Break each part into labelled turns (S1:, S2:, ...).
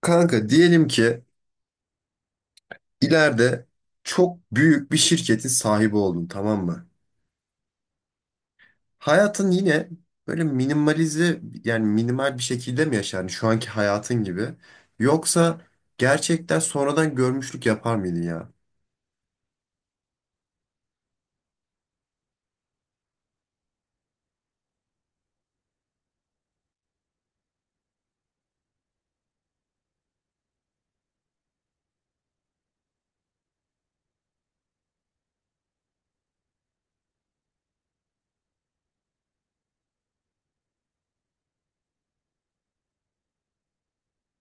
S1: Kanka diyelim ki ileride çok büyük bir şirketin sahibi oldun, tamam mı? Hayatın yine böyle minimalize yani minimal bir şekilde mi yaşar? Yani şu anki hayatın gibi. Yoksa gerçekten sonradan görmüşlük yapar mıydın ya?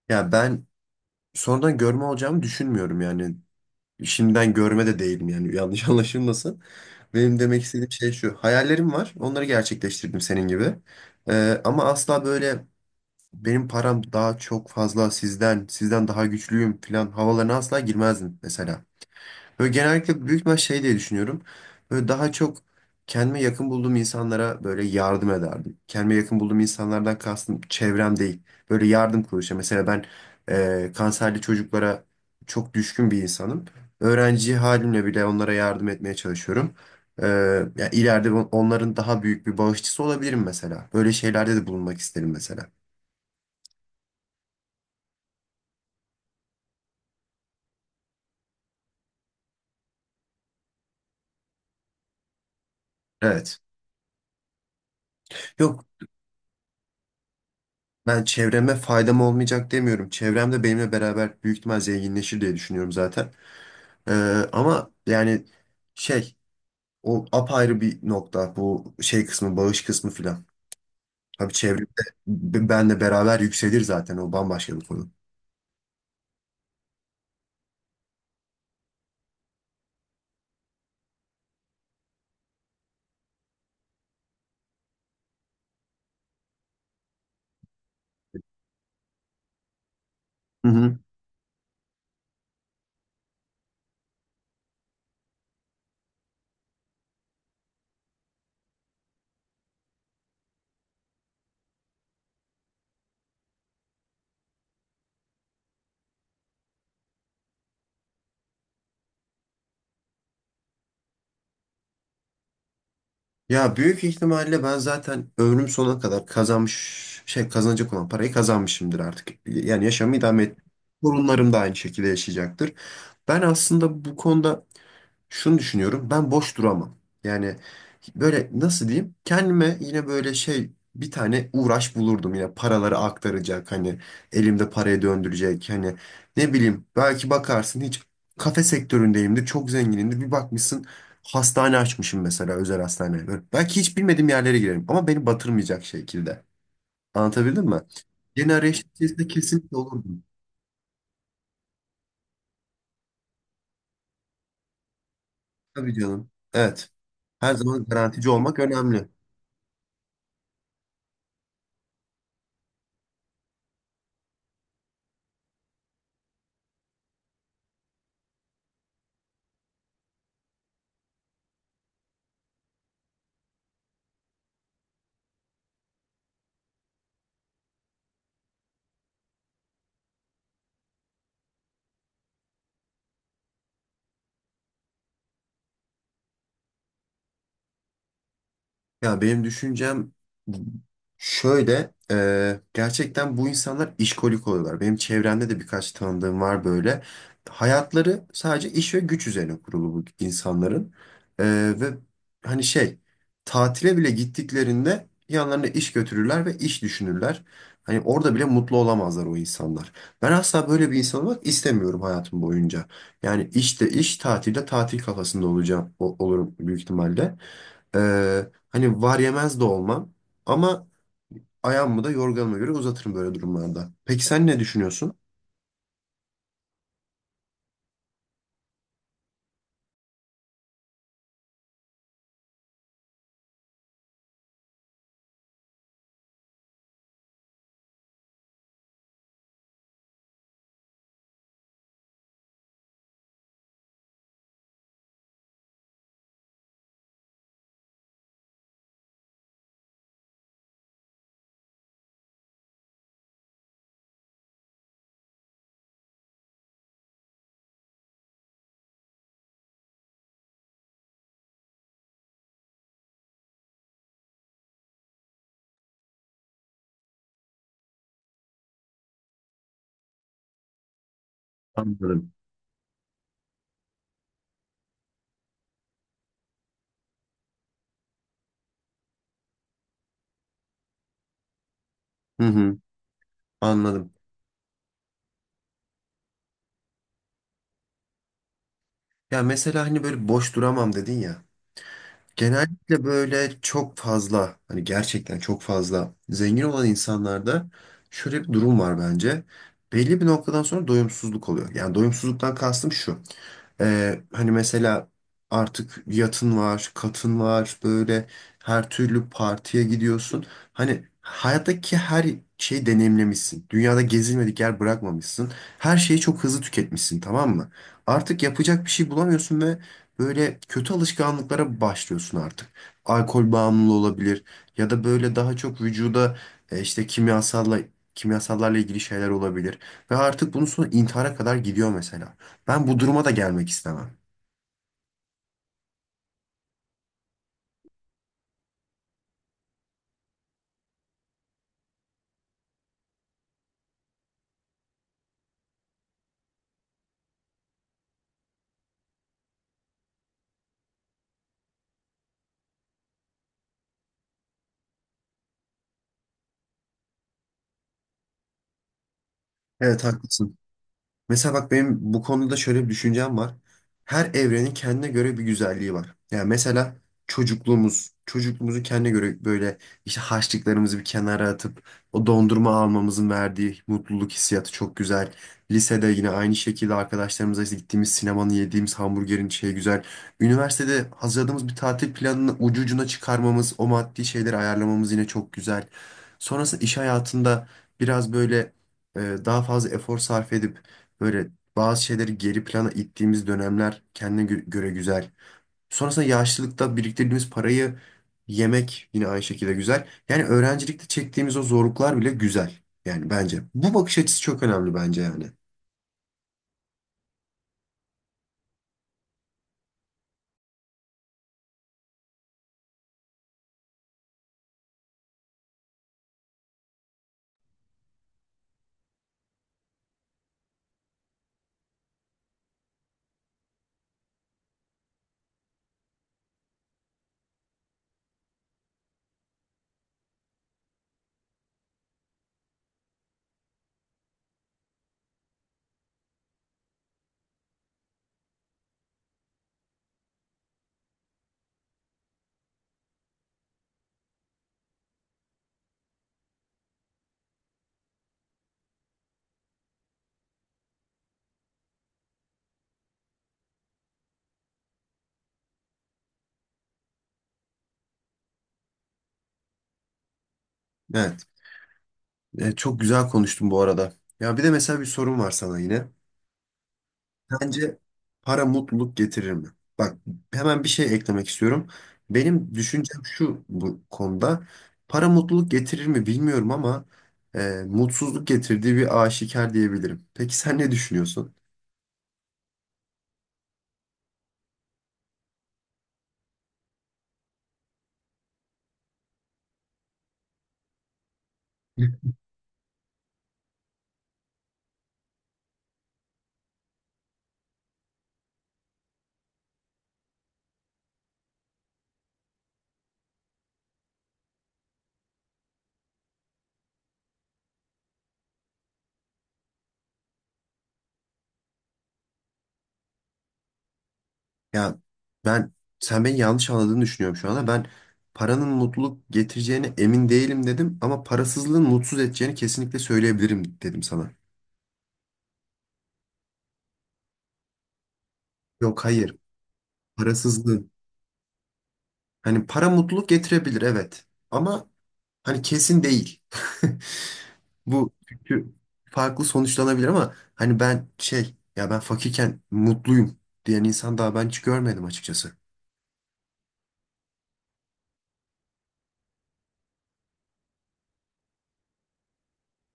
S1: Ya ben sonradan görme olacağımı düşünmüyorum yani. Şimdiden görme de değilim yani yanlış anlaşılmasın. Benim demek istediğim şey şu. Hayallerim var. Onları gerçekleştirdim senin gibi. Ama asla böyle benim param daha çok fazla sizden daha güçlüyüm falan havalarına asla girmezdim mesela. Böyle genellikle büyük bir şey diye düşünüyorum. Böyle daha çok kendime yakın bulduğum insanlara böyle yardım ederdim. Kendime yakın bulduğum insanlardan kastım çevrem değil. Böyle yardım kuruluşu. Mesela ben kanserli çocuklara çok düşkün bir insanım. Öğrenci halimle bile onlara yardım etmeye çalışıyorum. E, Yani ileride onların daha büyük bir bağışçısı olabilirim mesela. Böyle şeylerde de bulunmak isterim mesela. Evet. Yok, ben çevreme faydam olmayacak demiyorum. Çevrem de benimle beraber büyük ihtimal zenginleşir diye düşünüyorum zaten. Ee, Ama yani şey o apayrı bir nokta, bu şey kısmı, bağış kısmı filan. Tabii çevremde benle beraber yükselir zaten, o bambaşka bir konu. Hı hı. Ya büyük ihtimalle ben zaten ömrüm sonuna kadar kazanmış şey kazanacak olan parayı kazanmışımdır artık. Yani yaşamı idame et. Torunlarım da aynı şekilde yaşayacaktır. Ben aslında bu konuda şunu düşünüyorum. Ben boş duramam. Yani böyle nasıl diyeyim? Kendime yine böyle şey bir tane uğraş bulurdum, yine paraları aktaracak hani, elimde parayı döndürecek hani, ne bileyim belki bakarsın hiç kafe sektöründeyimdir, çok zenginimdir, bir bakmışsın hastane açmışım mesela, özel hastane. Böyle belki hiç bilmediğim yerlere girerim ama beni batırmayacak şekilde, anlatabildim mi? Yeni arayış içerisinde kesinlikle olurdum, tabii canım, evet, her zaman garantici olmak önemli. Ya benim düşüncem şöyle, gerçekten bu insanlar işkolik oluyorlar. Benim çevremde de birkaç tanıdığım var böyle. Hayatları sadece iş ve güç üzerine kurulu bu insanların. E, Ve hani şey, tatile bile gittiklerinde yanlarına iş götürürler ve iş düşünürler. Hani orada bile mutlu olamazlar o insanlar. Ben asla böyle bir insan olmak istemiyorum hayatım boyunca. Yani işte iş, tatilde tatil kafasında olacağım, olurum büyük ihtimalle. Hani var yemez de olmam ama ayağımı da yorganıma göre uzatırım böyle durumlarda. Peki sen ne düşünüyorsun? Anladım. Hı hı, anladım. Ya mesela hani böyle boş duramam dedin ya. Genellikle böyle çok fazla hani gerçekten çok fazla zengin olan insanlarda şöyle bir durum var bence. Belli bir noktadan sonra doyumsuzluk oluyor. Yani doyumsuzluktan kastım şu. Hani mesela artık yatın var, katın var, böyle her türlü partiye gidiyorsun. Hani hayattaki her şeyi deneyimlemişsin. Dünyada gezilmedik yer bırakmamışsın. Her şeyi çok hızlı tüketmişsin, tamam mı? Artık yapacak bir şey bulamıyorsun ve böyle kötü alışkanlıklara başlıyorsun artık. Alkol bağımlılığı olabilir ya da böyle daha çok vücuda işte kimyasallarla ilgili şeyler olabilir. Ve artık bunun sonu intihara kadar gidiyor mesela. Ben bu duruma da gelmek istemem. Evet, haklısın. Mesela bak, benim bu konuda şöyle bir düşüncem var. Her evrenin kendine göre bir güzelliği var. Yani mesela çocukluğumuzu kendine göre böyle işte harçlıklarımızı bir kenara atıp o dondurma almamızın verdiği mutluluk hissiyatı çok güzel. Lisede yine aynı şekilde arkadaşlarımızla işte gittiğimiz sinemanın, yediğimiz hamburgerin şeyi güzel. Üniversitede hazırladığımız bir tatil planını ucu ucuna çıkarmamız, o maddi şeyleri ayarlamamız yine çok güzel. Sonrasında iş hayatında biraz böyle daha fazla efor sarf edip böyle bazı şeyleri geri plana ittiğimiz dönemler kendine göre güzel. Sonrasında yaşlılıkta biriktirdiğimiz parayı yemek yine aynı şekilde güzel. Yani öğrencilikte çektiğimiz o zorluklar bile güzel. Yani bence. Bu bakış açısı çok önemli bence yani. Evet. Çok güzel konuştun bu arada. Ya bir de mesela bir sorum var sana yine. Bence para mutluluk getirir mi? Bak, hemen bir şey eklemek istiyorum. Benim düşüncem şu bu konuda. Para mutluluk getirir mi bilmiyorum ama e, mutsuzluk getirdiği bir aşikar diyebilirim. Peki sen ne düşünüyorsun? Ya ben sen beni yanlış anladığını düşünüyorum şu anda. Ben paranın mutluluk getireceğine emin değilim dedim ama parasızlığın mutsuz edeceğini kesinlikle söyleyebilirim dedim sana. Yok, hayır. Parasızlığın. Hani para mutluluk getirebilir, evet. Ama hani kesin değil. Bu çünkü farklı sonuçlanabilir ama hani ben şey ya ben fakirken mutluyum diyen insan daha ben hiç görmedim açıkçası.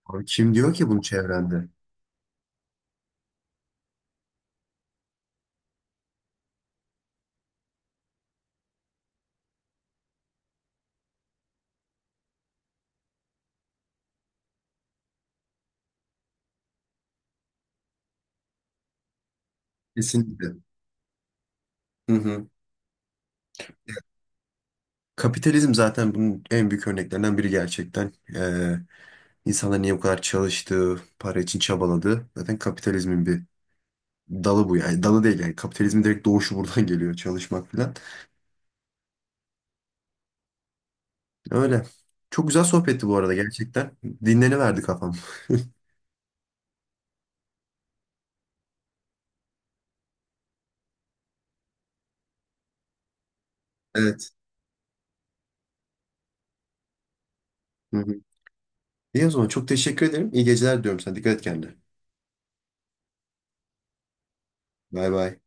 S1: Abi kim diyor ki bunu çevrende? Kesinlikle. Hı hı. Kapitalizm zaten bunun en büyük örneklerinden biri gerçekten. İnsanlar niye bu kadar çalıştığı, para için çabaladığı zaten kapitalizmin bir dalı bu yani. Dalı değil yani kapitalizmin direkt doğuşu buradan geliyor çalışmak falan. Öyle. Çok güzel sohbetti bu arada gerçekten. Dinleniverdi kafam. Evet. Hı hı. İyi o zaman çok teşekkür ederim. İyi geceler diyorum sana. Dikkat et kendine. Bay bay.